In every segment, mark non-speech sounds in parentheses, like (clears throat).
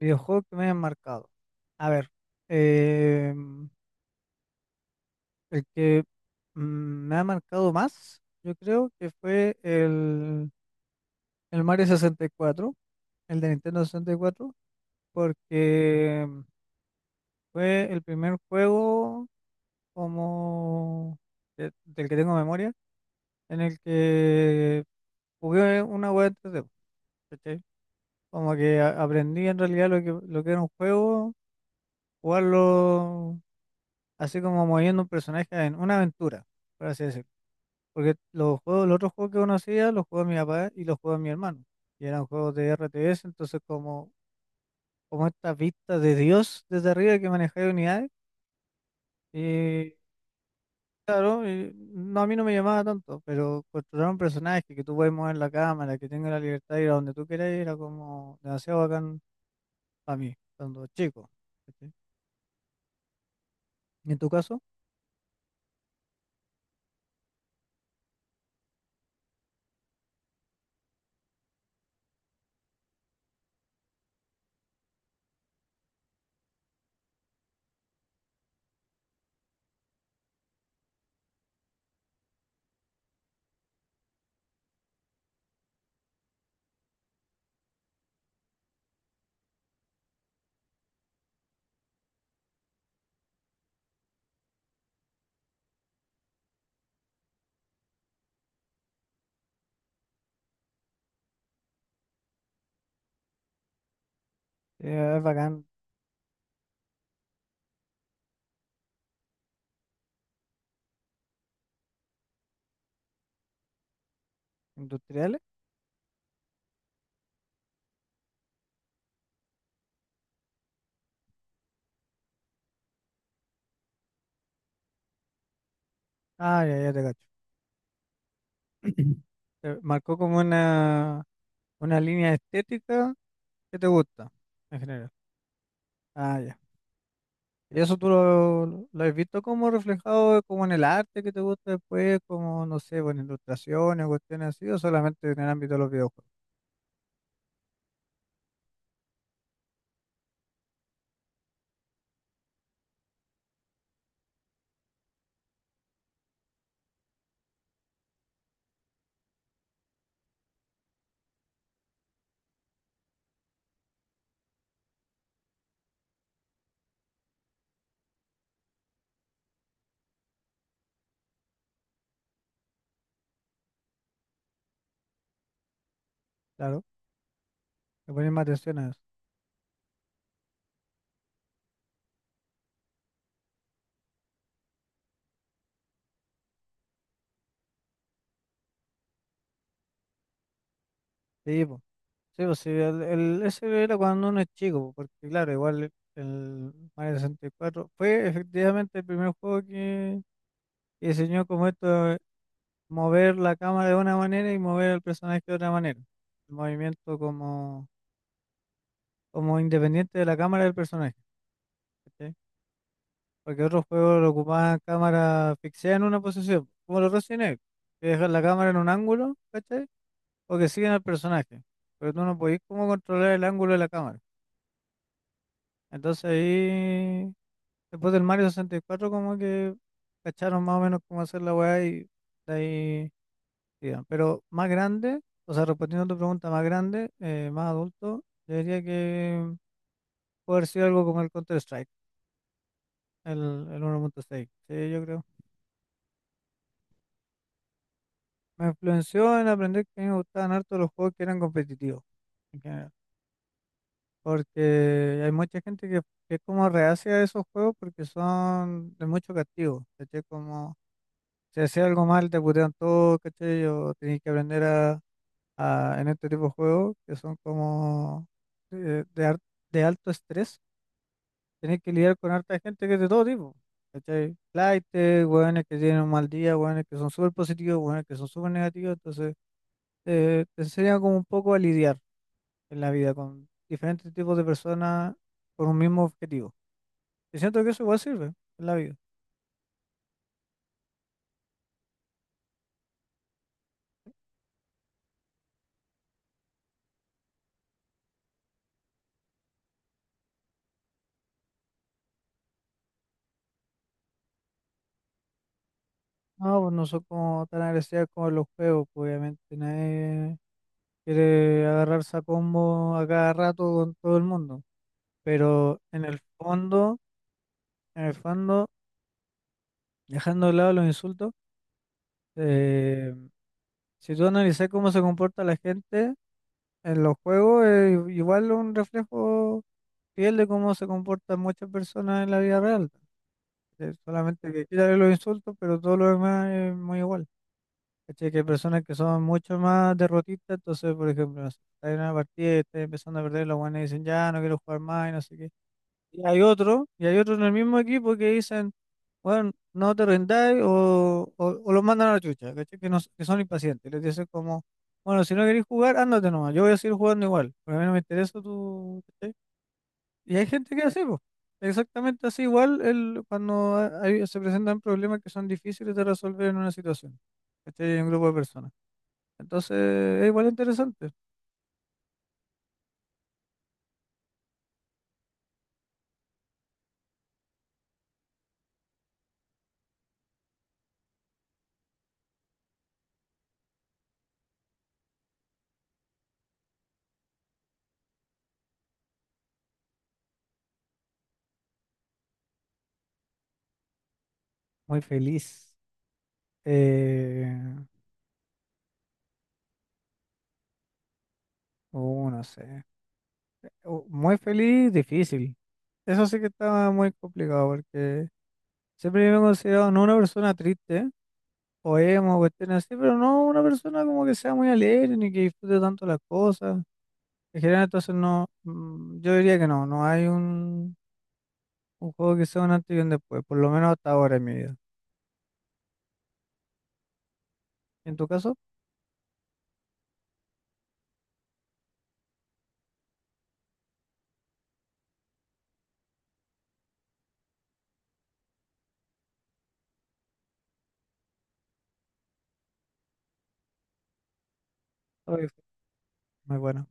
Videojuegos que me hayan marcado. A ver, eh, el que me ha marcado más, yo creo que fue el Mario sesenta y cuatro, el de Nintendo sesenta y cuatro, porque fue el primer juego como del que tengo memoria, en el que jugué una web 3D, ¿cachai? Como que aprendí en realidad lo que era un juego, jugarlo así como moviendo un personaje en una aventura, por así decirlo. Porque los juegos, los otros juegos que uno hacía, los juegos de mi papá y los juegos de mi hermano. Y eran juegos de RTS, entonces como esta vista de Dios desde arriba que manejaba unidades. Y claro, y no, a mí no me llamaba tanto, pero construir un personaje que tú puedes mover la cámara, que tenga la libertad de ir a donde tú quieras, ir, era como demasiado bacán para mí, cuando chico. ¿Cachai? ¿Y en tu caso? ¿Es bacán industriales? Ah, ya, ya te cacho. Marcó como una línea estética que te gusta, en general. Ah, ya. ¿Y eso tú lo has visto como reflejado como en el arte que te gusta después, como, no sé, bueno, ilustraciones, cuestiones así, o solamente en el ámbito de los videojuegos? Claro, le pones más atención a eso. Sí, po. Sí, pues sí, ese era cuando uno es chico, po, porque claro, igual el Mario sesenta y cuatro fue efectivamente el primer juego que diseñó como esto mover la cámara de una manera y mover al personaje de otra manera. El movimiento como independiente de la cámara del personaje. ¿Cachai? Porque otros juegos lo ocupaban cámara fixada en una posición, como los Resident Evil, que dejan la cámara en un ángulo, ¿cachai? O que siguen al personaje. Pero tú no podés como controlar el ángulo de la cámara. Entonces ahí, después del Mario 64, como que cacharon más o menos cómo hacer la weá y de ahí digan. Pero más grande, o sea, respondiendo a tu pregunta, más grande, más adulto, yo diría que puede haber sido algo como el Counter-Strike, el, el 1.6. Sí, yo creo. Me influenció en aprender que a mí me gustaban harto los juegos que eran competitivos, en general. Porque hay mucha gente que es como reacia a esos juegos porque son de mucho castigo. ¿Cachai? Como si hacía algo mal, te putean todo, ¿cachai? O tenés que aprender en este tipo de juegos que son como eh, de, ar- de alto estrés, tenés que lidiar con harta gente que es de todo tipo. ¿Cachai? Flaites, hueones que tienen un mal día, hueones que son súper positivos, hueones que son súper negativos. Entonces, te enseña como un poco a lidiar en la vida con diferentes tipos de personas por un mismo objetivo. Y siento que eso igual sirve en la vida. No, pues no son como tan agresivas como en los juegos, pues, obviamente. Nadie quiere agarrarse a combo a cada rato con todo el mundo. Pero en el fondo, dejando de lado los insultos. Eh, si tú analizas cómo se comporta la gente en los juegos, es igual un reflejo fiel de cómo se comportan muchas personas en la vida real. Solamente que quitarle los insultos, pero todo lo demás es muy igual. ¿Cachai? Que hay personas que son mucho más derrotistas, entonces, por ejemplo, no sé, está en una partida y está empezando a perder, los buenos dicen, ya, no quiero jugar más y no sé qué. Y hay otro en el mismo equipo que dicen, bueno, no te rendáis o los mandan a la chucha, ¿cachai? Que, no, que son impacientes. Les dicen como, bueno, si no queréis jugar, ándate nomás, yo voy a seguir jugando igual, pero a mí no me interesa tu... ¿cachai? Y hay gente que hace, pues, exactamente así igual el, cuando se presentan problemas que son difíciles de resolver en una situación, ¿cachai? En un grupo de personas. Entonces, es igual interesante. Muy feliz. Eh, no sé. Muy feliz, difícil. Eso sí que estaba muy complicado porque... Siempre me he considerado no una persona triste, o emo, o cuestiones así, pero no una persona como que sea muy alegre ni que disfrute tanto las cosas. En general, entonces no, yo diría que no, no hay un juego que sea un antes y un después, por lo menos hasta ahora en mi vida. En tu caso, creo que fue muy bueno.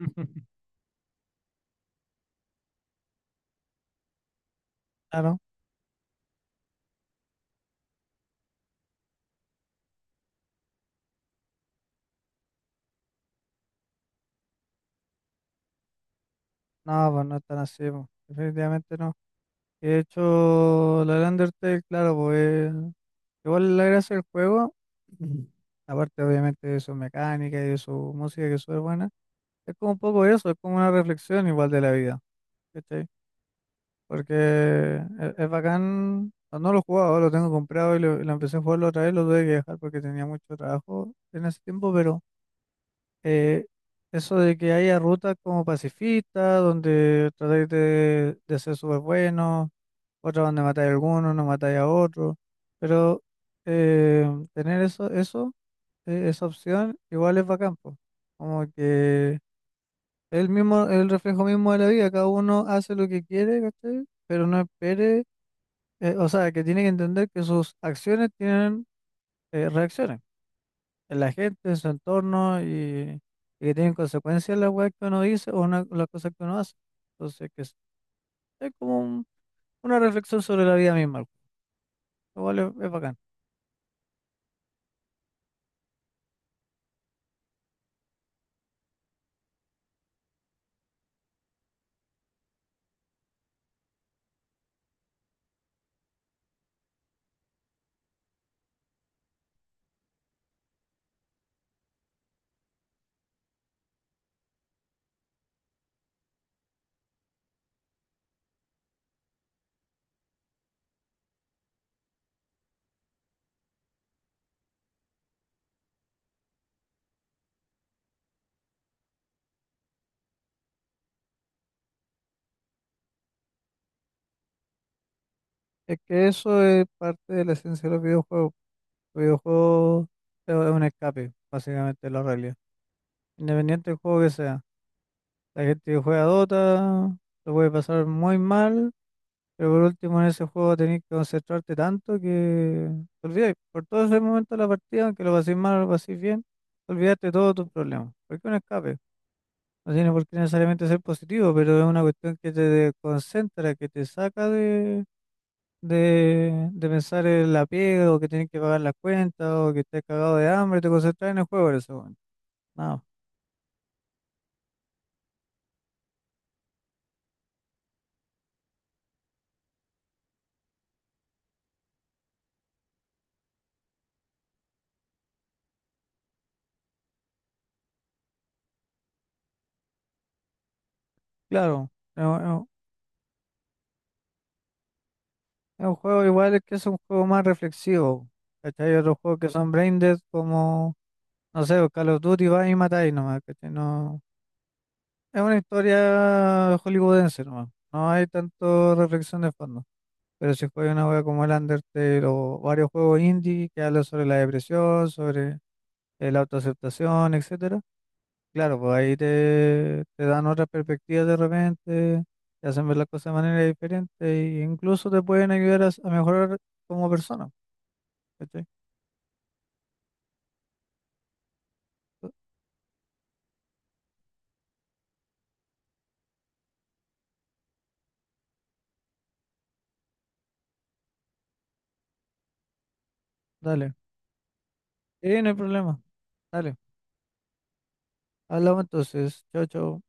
(laughs) Claro, no, pues no es tan así, pues, definitivamente no. De hecho, la Undertale, claro, pues igual la gracia del juego, (clears throat) aparte obviamente de su mecánica y de su música que es súper buena. Es como un poco eso, es como una reflexión igual de la vida, ¿cachai? Porque es bacán, no no lo he jugado, lo tengo comprado y y lo empecé a jugarlo otra vez, lo tuve que dejar porque tenía mucho trabajo en ese tiempo, pero eh, eso de que haya rutas como pacifistas, donde tratáis de ser súper buenos, otras donde matáis a algunos, no matáis a otros, pero eh, tener esa opción igual es bacán, po. Como que... El mismo, el reflejo mismo de la vida, cada uno hace lo que quiere, ¿cachai? Pero no espere, o sea, que tiene que entender que sus acciones tienen reacciones en la gente, en su entorno y que tienen consecuencias las weas que uno dice o las cosas que uno hace. Entonces, es como una reflexión sobre la vida misma, lo cual es bacán. Es que eso es parte de la esencia de los videojuegos. Los videojuegos es un escape, básicamente, de la realidad, independiente del juego que sea. La gente que juega Dota lo puede pasar muy mal, pero por último en ese juego tenés que concentrarte tanto que te olvidas por todo ese momento de la partida, aunque lo paséis mal o lo paséis bien, olvidaste de todos tus problemas. Porque un escape no tiene por qué necesariamente ser positivo, pero es una cuestión que te concentra, que te saca de pensar en la pega o que tienes que pagar las cuentas o que estás cagado de hambre, te concentras en el juego en ese momento. No, claro. es un Es un juego igual que es un juego más reflexivo. ¿Cachai? Hay otros juegos que son brain dead como, no sé, Call of Duty va y matáis nomás, ¿cachai? No, es una historia hollywoodense nomás. No hay tanto reflexión de fondo. Pero si juegas una juega como el Undertale o varios juegos indie que hablan sobre la depresión, sobre la autoaceptación, etcétera, claro, pues ahí te dan otras perspectivas de repente, te hacen ver las cosas de manera diferente e incluso te pueden ayudar a mejorar como persona. ¿Cachai? Dale. Sí, no hay problema. Dale. Hablamos entonces. Chao, chao.